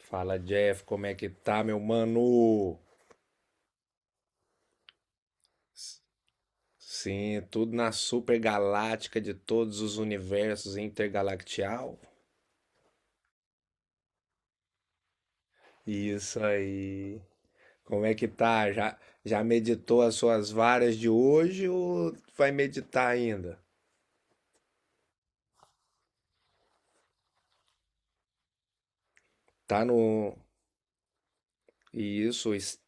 Fala, Jeff, como é que tá, meu mano? Sim, tudo na super galáctica de todos os universos intergalactial. Isso aí. Como é que tá? Já meditou as suas varas de hoje ou vai meditar ainda? Tá no. Isso,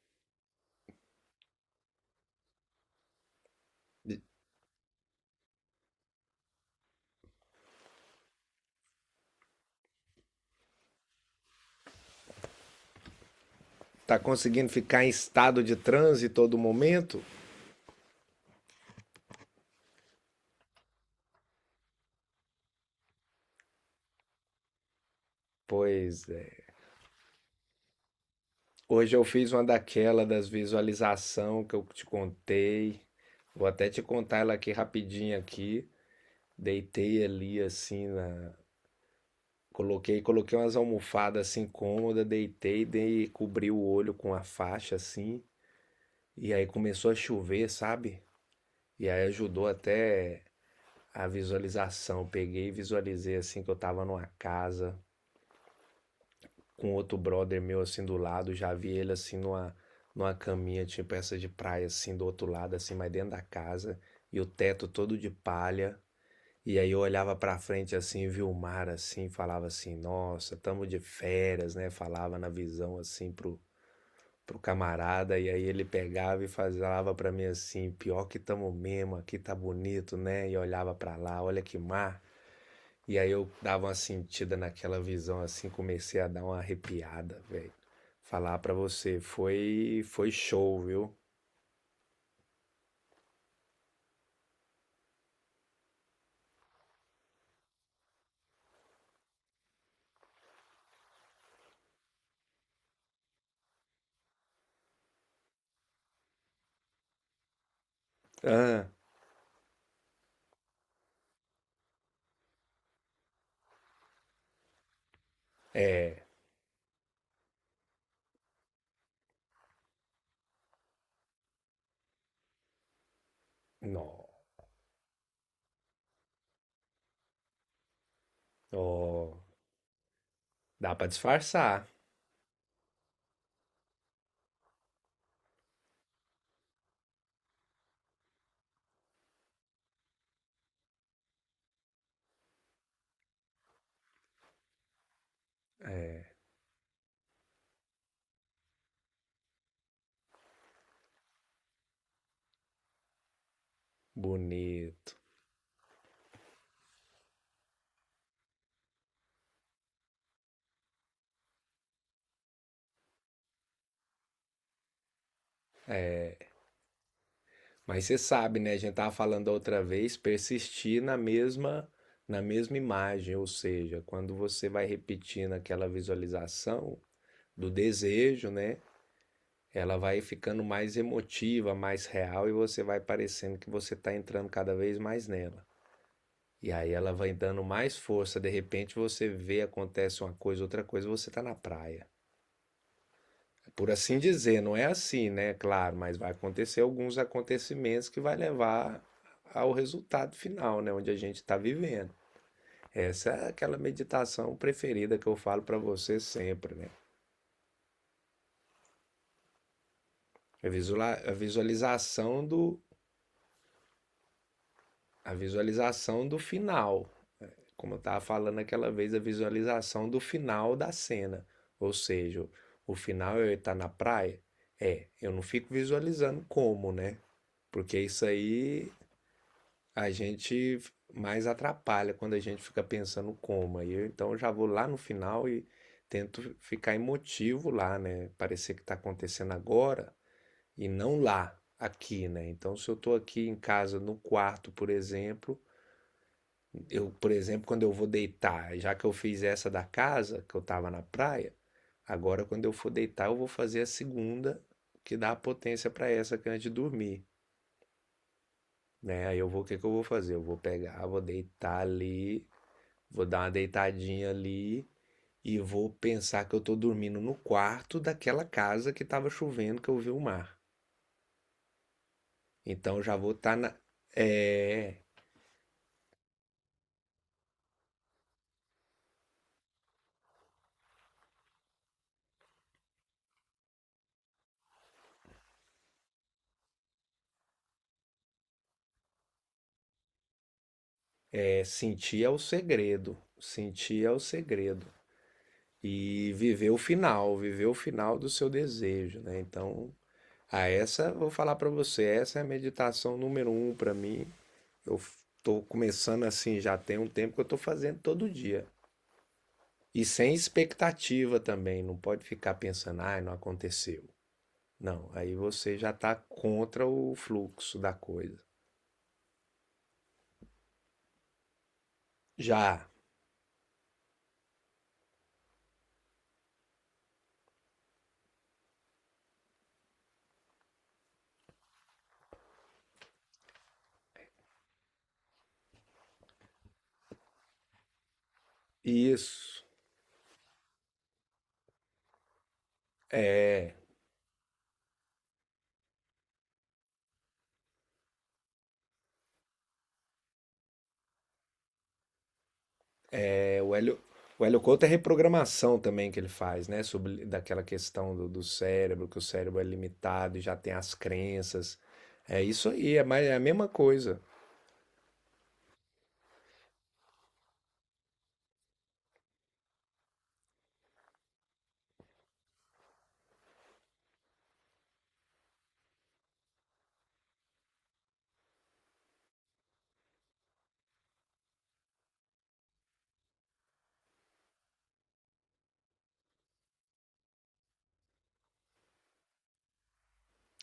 tá conseguindo ficar em estado de transe todo momento? Pois é. Hoje eu fiz uma daquela das visualização que eu te contei. Vou até te contar ela aqui rapidinho aqui. Deitei ali assim na coloquei umas almofadas assim cômoda, deitei, dei cobri o olho com a faixa assim, e aí começou a chover, sabe? E aí ajudou até a visualização. Peguei e visualizei assim que eu tava numa casa com outro brother meu assim do lado, já vi ele assim numa, numa caminha, tipo essa de praia, assim do outro lado, assim, mas dentro da casa, e o teto todo de palha. E aí eu olhava pra frente assim, via o mar assim, falava assim, nossa, tamo de férias, né? Falava na visão assim pro, pro camarada, e aí ele pegava e falava pra mim assim, pior que tamo mesmo, aqui tá bonito, né? E olhava pra lá, olha que mar. E aí eu dava uma sentida naquela visão assim, comecei a dar uma arrepiada, velho. Falar pra você, foi show, viu? Ah, é, não. Ó, dá pra disfarçar. É, bonito. Mas você sabe, né? A gente tava falando outra vez, persistir na mesma imagem, ou seja, quando você vai repetindo aquela visualização do desejo, né? Ela vai ficando mais emotiva, mais real e você vai parecendo que você está entrando cada vez mais nela. E aí ela vai dando mais força, de repente você vê, acontece uma coisa, outra coisa, você está na praia. É. Por assim dizer, não é assim, né? Claro, mas vai acontecer alguns acontecimentos que vai levar ao resultado final, né? Onde a gente está vivendo. Essa é aquela meditação preferida que eu falo para você sempre, né? A visualização do a visualização do final, como eu estava falando aquela vez, a visualização do final da cena. Ou seja, o final é eu estar na praia? É, eu não fico visualizando como, né? Porque isso aí a gente mais atrapalha quando a gente fica pensando como. Aí eu então eu já vou lá no final e tento ficar emotivo lá, né? Parecer que está acontecendo agora e não lá, aqui, né? Então se eu estou aqui em casa, no quarto, por exemplo quando eu vou deitar, já que eu fiz essa da casa, que eu tava na praia, agora quando eu for deitar, eu vou fazer a segunda que dá a potência pra essa que é antes de dormir, né? Aí eu vou, o que que eu vou fazer? Eu vou pegar, vou deitar ali, vou dar uma deitadinha ali e vou pensar que eu tô dormindo no quarto daquela casa que tava chovendo, que eu vi o mar. Então já vou estar na é, é sentir é o segredo, sentir é o segredo. E viver o final do seu desejo, né? Então, a essa vou falar para você, essa é a meditação número um para mim. Eu estou começando assim, já tem um tempo que eu estou fazendo todo dia. E sem expectativa também, não pode ficar pensando, ai, não aconteceu. Não, aí você já está contra o fluxo da coisa. Já, isso, é. É, o Hélio Couto é reprogramação também que ele faz, né? Sobre daquela questão do cérebro, que o cérebro é limitado e já tem as crenças. É isso aí, é, mais, é a mesma coisa.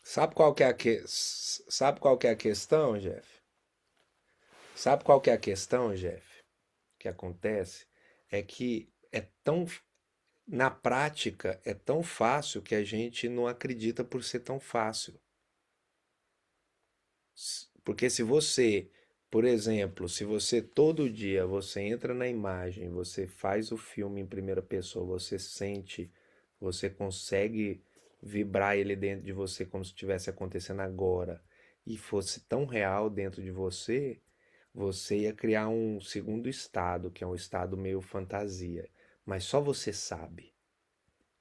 Sabe qual que é a que... sabe qual que é a questão, Jeff? Sabe qual que é a questão, Jeff? Que acontece é que é tão na prática é tão fácil que a gente não acredita por ser tão fácil. Porque se você, por exemplo, se você todo dia você entra na imagem, você faz o filme em primeira pessoa, você sente, você consegue vibrar ele dentro de você como se estivesse acontecendo agora, e fosse tão real dentro de você, você ia criar um segundo estado, que é um estado meio fantasia, mas só você sabe.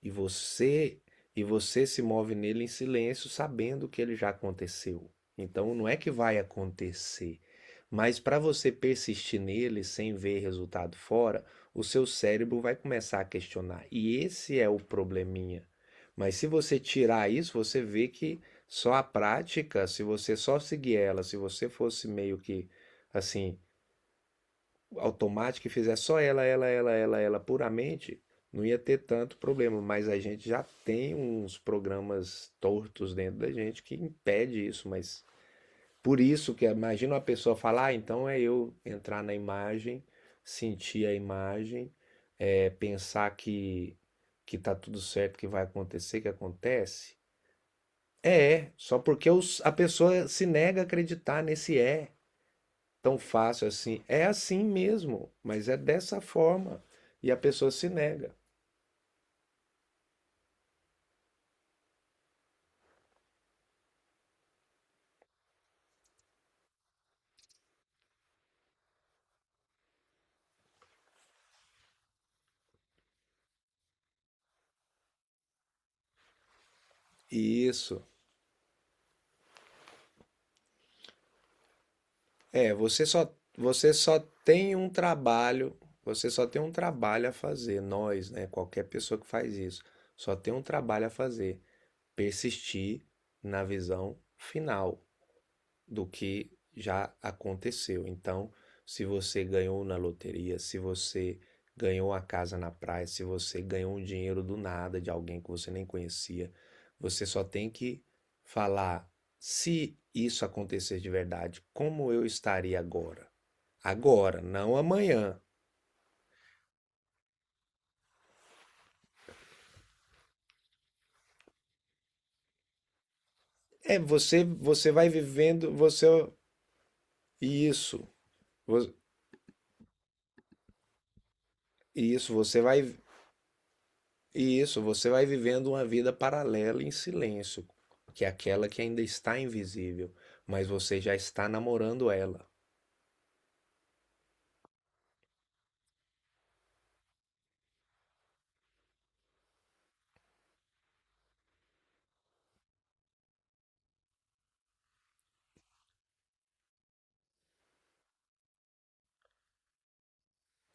E você e você se move nele em silêncio, sabendo que ele já aconteceu. Então não é que vai acontecer, mas para você persistir nele sem ver resultado fora, o seu cérebro vai começar a questionar. E esse é o probleminha. Mas se você tirar isso, você vê que só a prática, se você só seguir ela, se você fosse meio que assim, automática e fizer só ela, ela, ela, ela, ela puramente, não ia ter tanto problema. Mas a gente já tem uns programas tortos dentro da gente que impede isso. Mas por isso que imagina uma pessoa falar, ah, então é eu entrar na imagem, sentir a imagem, é, pensar que tá tudo certo, que vai acontecer, que acontece. É, só porque a pessoa se nega a acreditar nesse é tão fácil assim. É assim mesmo, mas é dessa forma. E a pessoa se nega. Isso. É, você só tem um trabalho, você só tem um trabalho a fazer. Nós, né? Qualquer pessoa que faz isso, só tem um trabalho a fazer. Persistir na visão final do que já aconteceu. Então, se você ganhou na loteria, se você ganhou a casa na praia, se você ganhou um dinheiro do nada de alguém que você nem conhecia, você só tem que falar se isso acontecer de verdade, como eu estaria agora? Agora, não amanhã. É você, você vai vivendo, você isso, isso você vai E Isso, você vai vivendo uma vida paralela em silêncio, que é aquela que ainda está invisível, mas você já está namorando ela.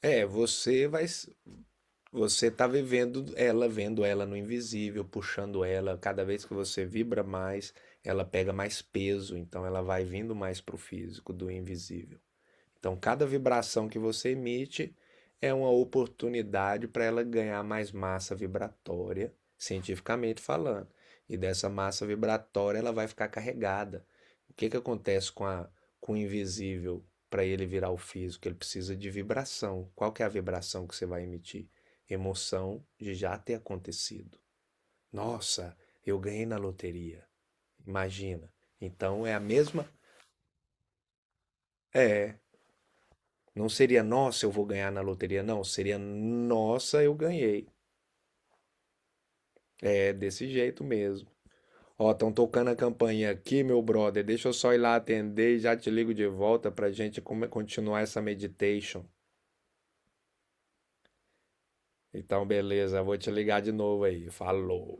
É, você vai, você está vivendo ela, vendo ela no invisível, puxando ela. Cada vez que você vibra mais, ela pega mais peso, então ela vai vindo mais para o físico, do invisível. Então, cada vibração que você emite é uma oportunidade para ela ganhar mais massa vibratória, cientificamente falando. E dessa massa vibratória ela vai ficar carregada. O que, que acontece com o invisível para ele virar o físico? Ele precisa de vibração. Qual que é a vibração que você vai emitir? Emoção de já ter acontecido. Nossa, eu ganhei na loteria. Imagina. Então é a mesma. É, não seria nossa, eu vou ganhar na loteria, não. Seria nossa, eu ganhei. É desse jeito mesmo. Ó, estão tocando a campainha aqui, meu brother. Deixa eu só ir lá atender e já te ligo de volta pra gente continuar essa meditation. Então, beleza, vou te ligar de novo aí. Falou.